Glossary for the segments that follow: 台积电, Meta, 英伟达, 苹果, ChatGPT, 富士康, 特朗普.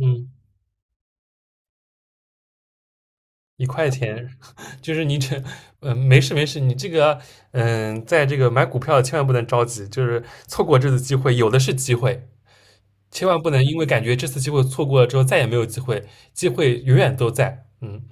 嗯，1块钱，就是你这，嗯，没事没事，你这个，嗯，在这个买股票千万不能着急，就是错过这次机会，有的是机会，千万不能因为感觉这次机会错过了之后再也没有机会，机会永远都在，嗯。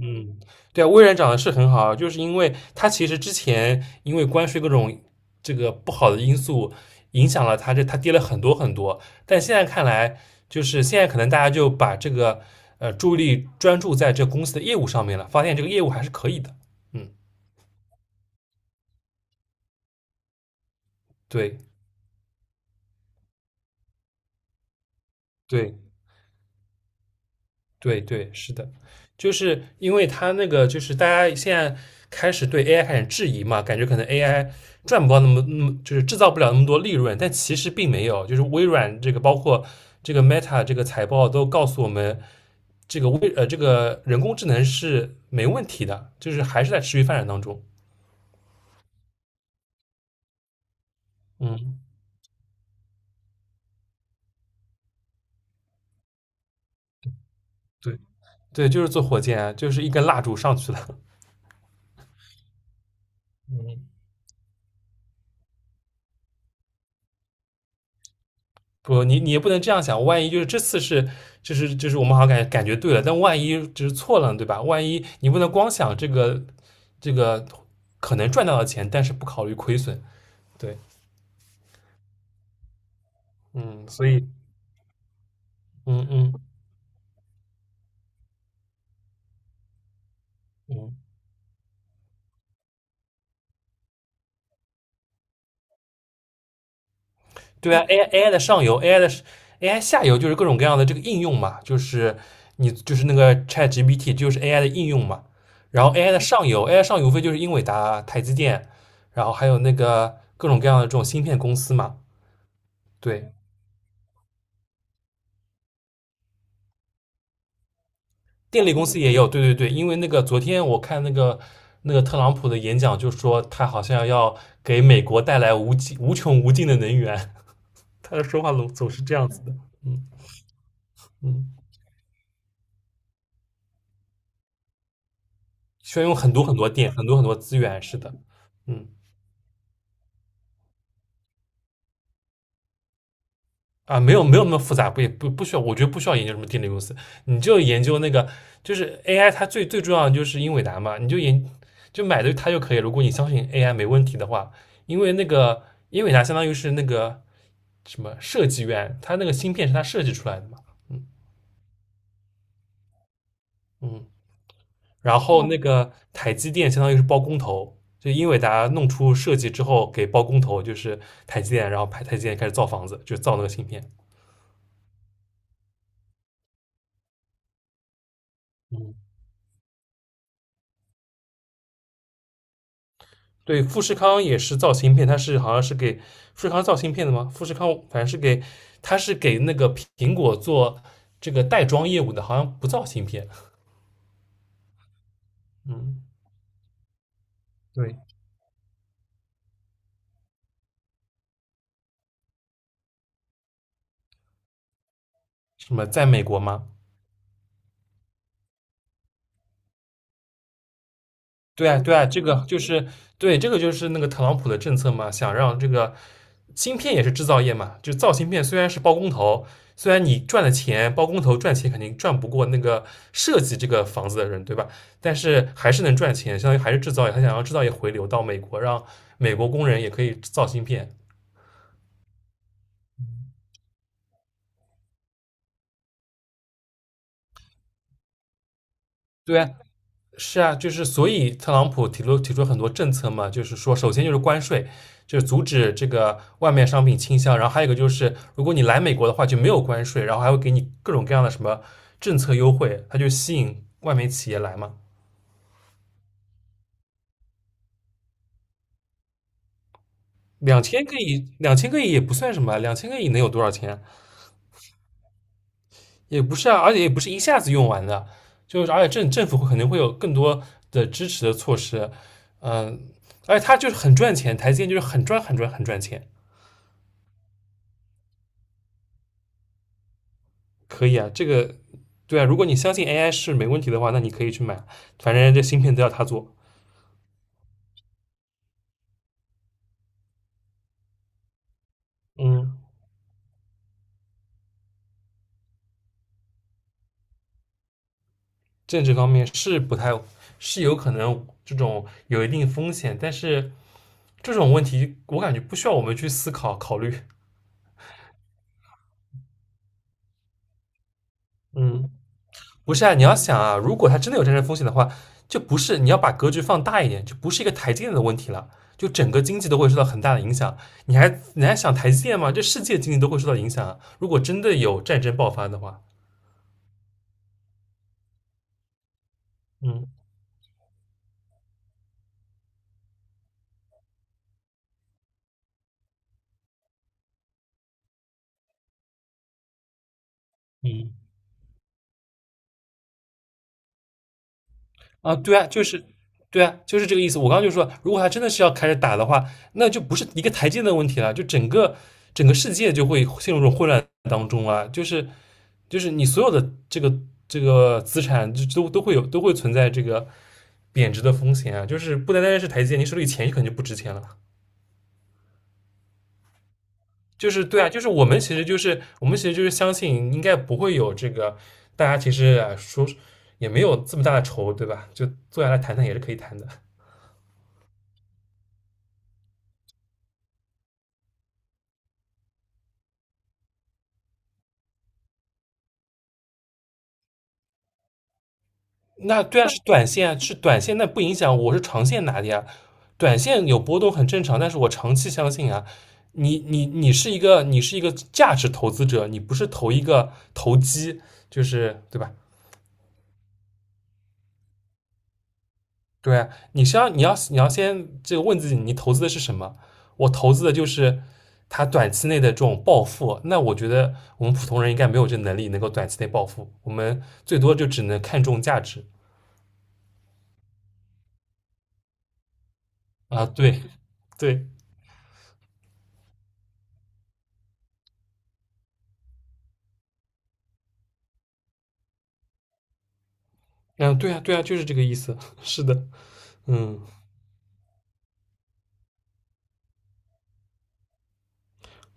嗯，对啊，微软涨得是很好啊，就是因为它其实之前因为关税各种这个不好的因素影响了它这，它跌了很多很多。但现在看来，就是现在可能大家就把这个注意力专注在这公司的业务上面了，发现这个业务还是可以的。嗯，对对，对对，是的，就是因为他那个，就是大家现在开始对 AI 开始质疑嘛，感觉可能 AI 赚不到那么，就是制造不了那么多利润，但其实并没有。就是微软这个，包括这个 Meta 这个财报都告诉我们，这个微呃这个人工智能是没问题的，就是还是在持续发展当中。嗯，对对，就是做火箭啊，就是一根蜡烛上去了。嗯。不，你也不能这样想，万一就是这次是，就是我们好像感觉对了，但万一就是错了，对吧？万一你不能光想这个可能赚到的钱，但是不考虑亏损，对，嗯，所以，嗯嗯嗯，对啊，AI 的上游，AI 下游就是各种各样的这个应用嘛，就是你就是那个 ChatGPT 就是 AI 的应用嘛，然后 AI 的上游，AI 上游无非就是英伟达、台积电，然后还有那个各种各样的这种芯片公司嘛，对。电力公司也有，对对对，因为那个昨天我看那个特朗普的演讲，就说他好像要给美国带来无穷无尽的能源，他的说话总是这样子的，嗯嗯，需要用很多很多电，很多很多资源，是的，嗯。啊，没有没有那么复杂，不也不需要，我觉得不需要研究什么电力公司，你就研究那个就是 AI，它最最重要的就是英伟达嘛，你就研就买的它就可以。如果你相信 AI 没问题的话，因为那个英伟达相当于是那个什么设计院，它那个芯片是它设计出来的嘛，嗯嗯，然后那个台积电相当于是包工头，就英伟达弄出设计之后给包工头，就是台积电，然后台积电开始造房子，就造那个芯片，对，富士康也是造芯片，好像是给富士康造芯片的吗？富士康反正是给，它是给那个苹果做这个袋装业务的，好像不造芯片。嗯，对，什么在美国吗？对啊，对啊，这个就是对，这个就是那个特朗普的政策嘛，想让这个芯片也是制造业嘛，就造芯片虽然是包工头，虽然你赚的钱，包工头赚钱肯定赚不过那个设计这个房子的人，对吧？但是还是能赚钱，相当于还是制造业，他想要制造业回流到美国，让美国工人也可以造芯片。对啊，是啊，就是所以特朗普提出很多政策嘛，就是说，首先就是关税，就是阻止这个外面商品倾销，然后还有一个就是，如果你来美国的话就没有关税，然后还会给你各种各样的什么政策优惠，它就吸引外面企业来嘛。两千个亿，两千个亿也不算什么啊，两千个亿能有多少钱啊也不是啊，而且也不是一下子用完的，就是而且政府会肯定会有更多的支持的措施，嗯、而且它就是很赚钱，台积电就是很赚很赚很赚钱。可以啊，这个对啊，如果你相信 AI 是没问题的话，那你可以去买啊，反正这芯片都要他做。嗯，政治方面是不太是有可能这种有一定风险，但是这种问题我感觉不需要我们去思考考虑。嗯，不是啊，你要想啊，如果它真的有战争风险的话，就不是你要把格局放大一点，就不是一个台积电的问题了，就整个经济都会受到很大的影响。你还想台积电吗？这世界经济都会受到影响啊！如果真的有战争爆发的话，嗯嗯。啊，对啊，就是对啊，就是这个意思。我刚刚就说，如果他真的是要开始打的话，那就不是一个台阶的问题了，就整个世界就会陷入这种混乱当中啊。就是你所有的这个资产就都都会存在这个贬值的风险啊。就是不单单是台阶，你手里钱可能就不值钱了。就是对啊，就是我们其实就是相信应该不会有这个，大家其实啊说也没有这么大的仇，对吧？就坐下来谈谈也是可以谈的。那对啊，是短线啊，是短线，那不影响我是长线拿的呀。短线有波动很正常，但是我长期相信啊，你是一个你是一个价值投资者，你不是投一个投机，就是对吧？对啊，你要先这个问自己，你投资的是什么？我投资的就是它短期内的这种暴富。那我觉得我们普通人应该没有这能力能够短期内暴富，我们最多就只能看重价值啊。对对。嗯，对啊，对啊，就是这个意思。是的，嗯，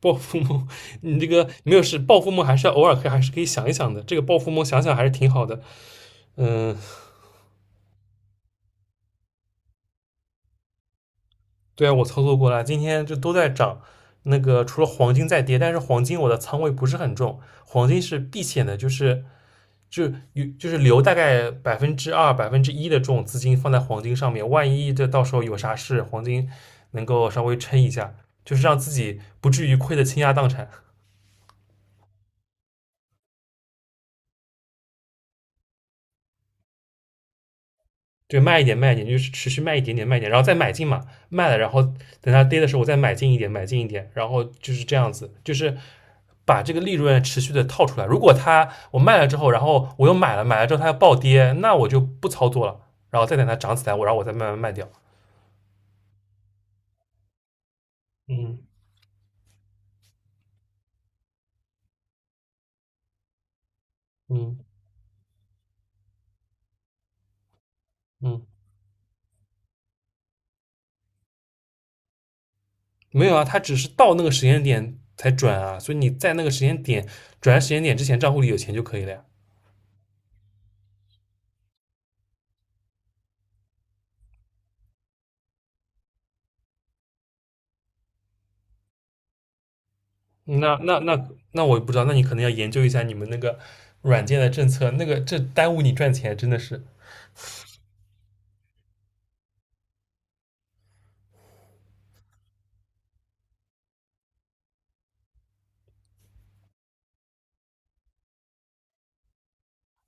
暴富梦，你这个没有事，暴富梦还是要偶尔可以还是可以想一想的。这个暴富梦想想还是挺好的。嗯，对啊，我操作过了，今天就都在涨。那个除了黄金在跌，但是黄金我的仓位不是很重，黄金是避险的，就是就留大概2%、1%的这种资金放在黄金上面，万一这到时候有啥事，黄金能够稍微撑一下，就是让自己不至于亏得倾家荡产。对，卖一点，卖一点，就是持续卖一点点，卖一点，然后再买进嘛，卖了，然后等它跌的时候，我再买进一点，买进一点，然后就是这样子，就是把这个利润持续的套出来。如果我卖了之后，然后我又买了，买了之后它要暴跌，那我就不操作了，然后再等它涨起来，然后我再慢慢卖掉。嗯嗯嗯，没有啊，它只是到那个时间点才转啊，所以你在那个时间点转时间点之前，账户里有钱就可以了呀。嗯那我也不知道，那你可能要研究一下你们那个软件的政策，这耽误你赚钱，真的是。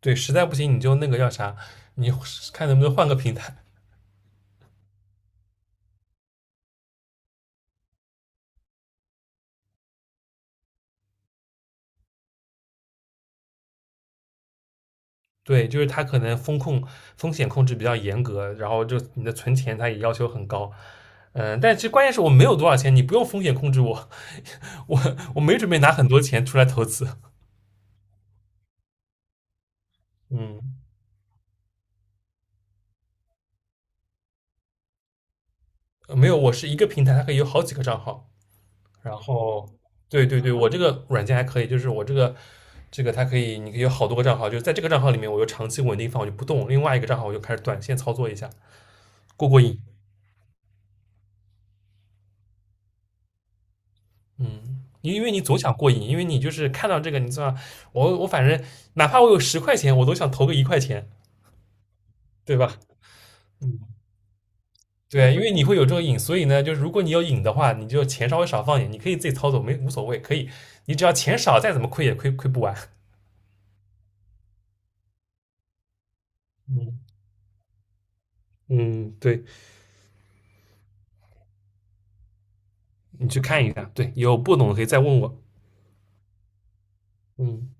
对，实在不行你就那个叫啥，你看能不能换个平台。对，就是它可能风险控制比较严格，然后就你的存钱它也要求很高。嗯，但其实关键是我没有多少钱，你不用风险控制我，我没准备拿很多钱出来投资。嗯，没有，我是一个平台，它可以有好几个账号。然后，对对对，我这个软件还可以，就是我这个它可以，你可以有好多个账号，就是在这个账号里面，我就长期稳定放，我就不动；另外一个账号我就开始短线操作一下，过过瘾。嗯，因为你总想过瘾，因为你就是看到这个，你知道，我反正哪怕我有10块钱，我都想投个一块钱，对吧？嗯，对啊，因为你会有这个瘾，所以呢，就是如果你有瘾的话，你就钱稍微少放一点，你可以自己操作，没无所谓，可以，你只要钱少，再怎么亏也亏不完。嗯嗯，对。你去看一下，对，有不懂的可以再问我。嗯。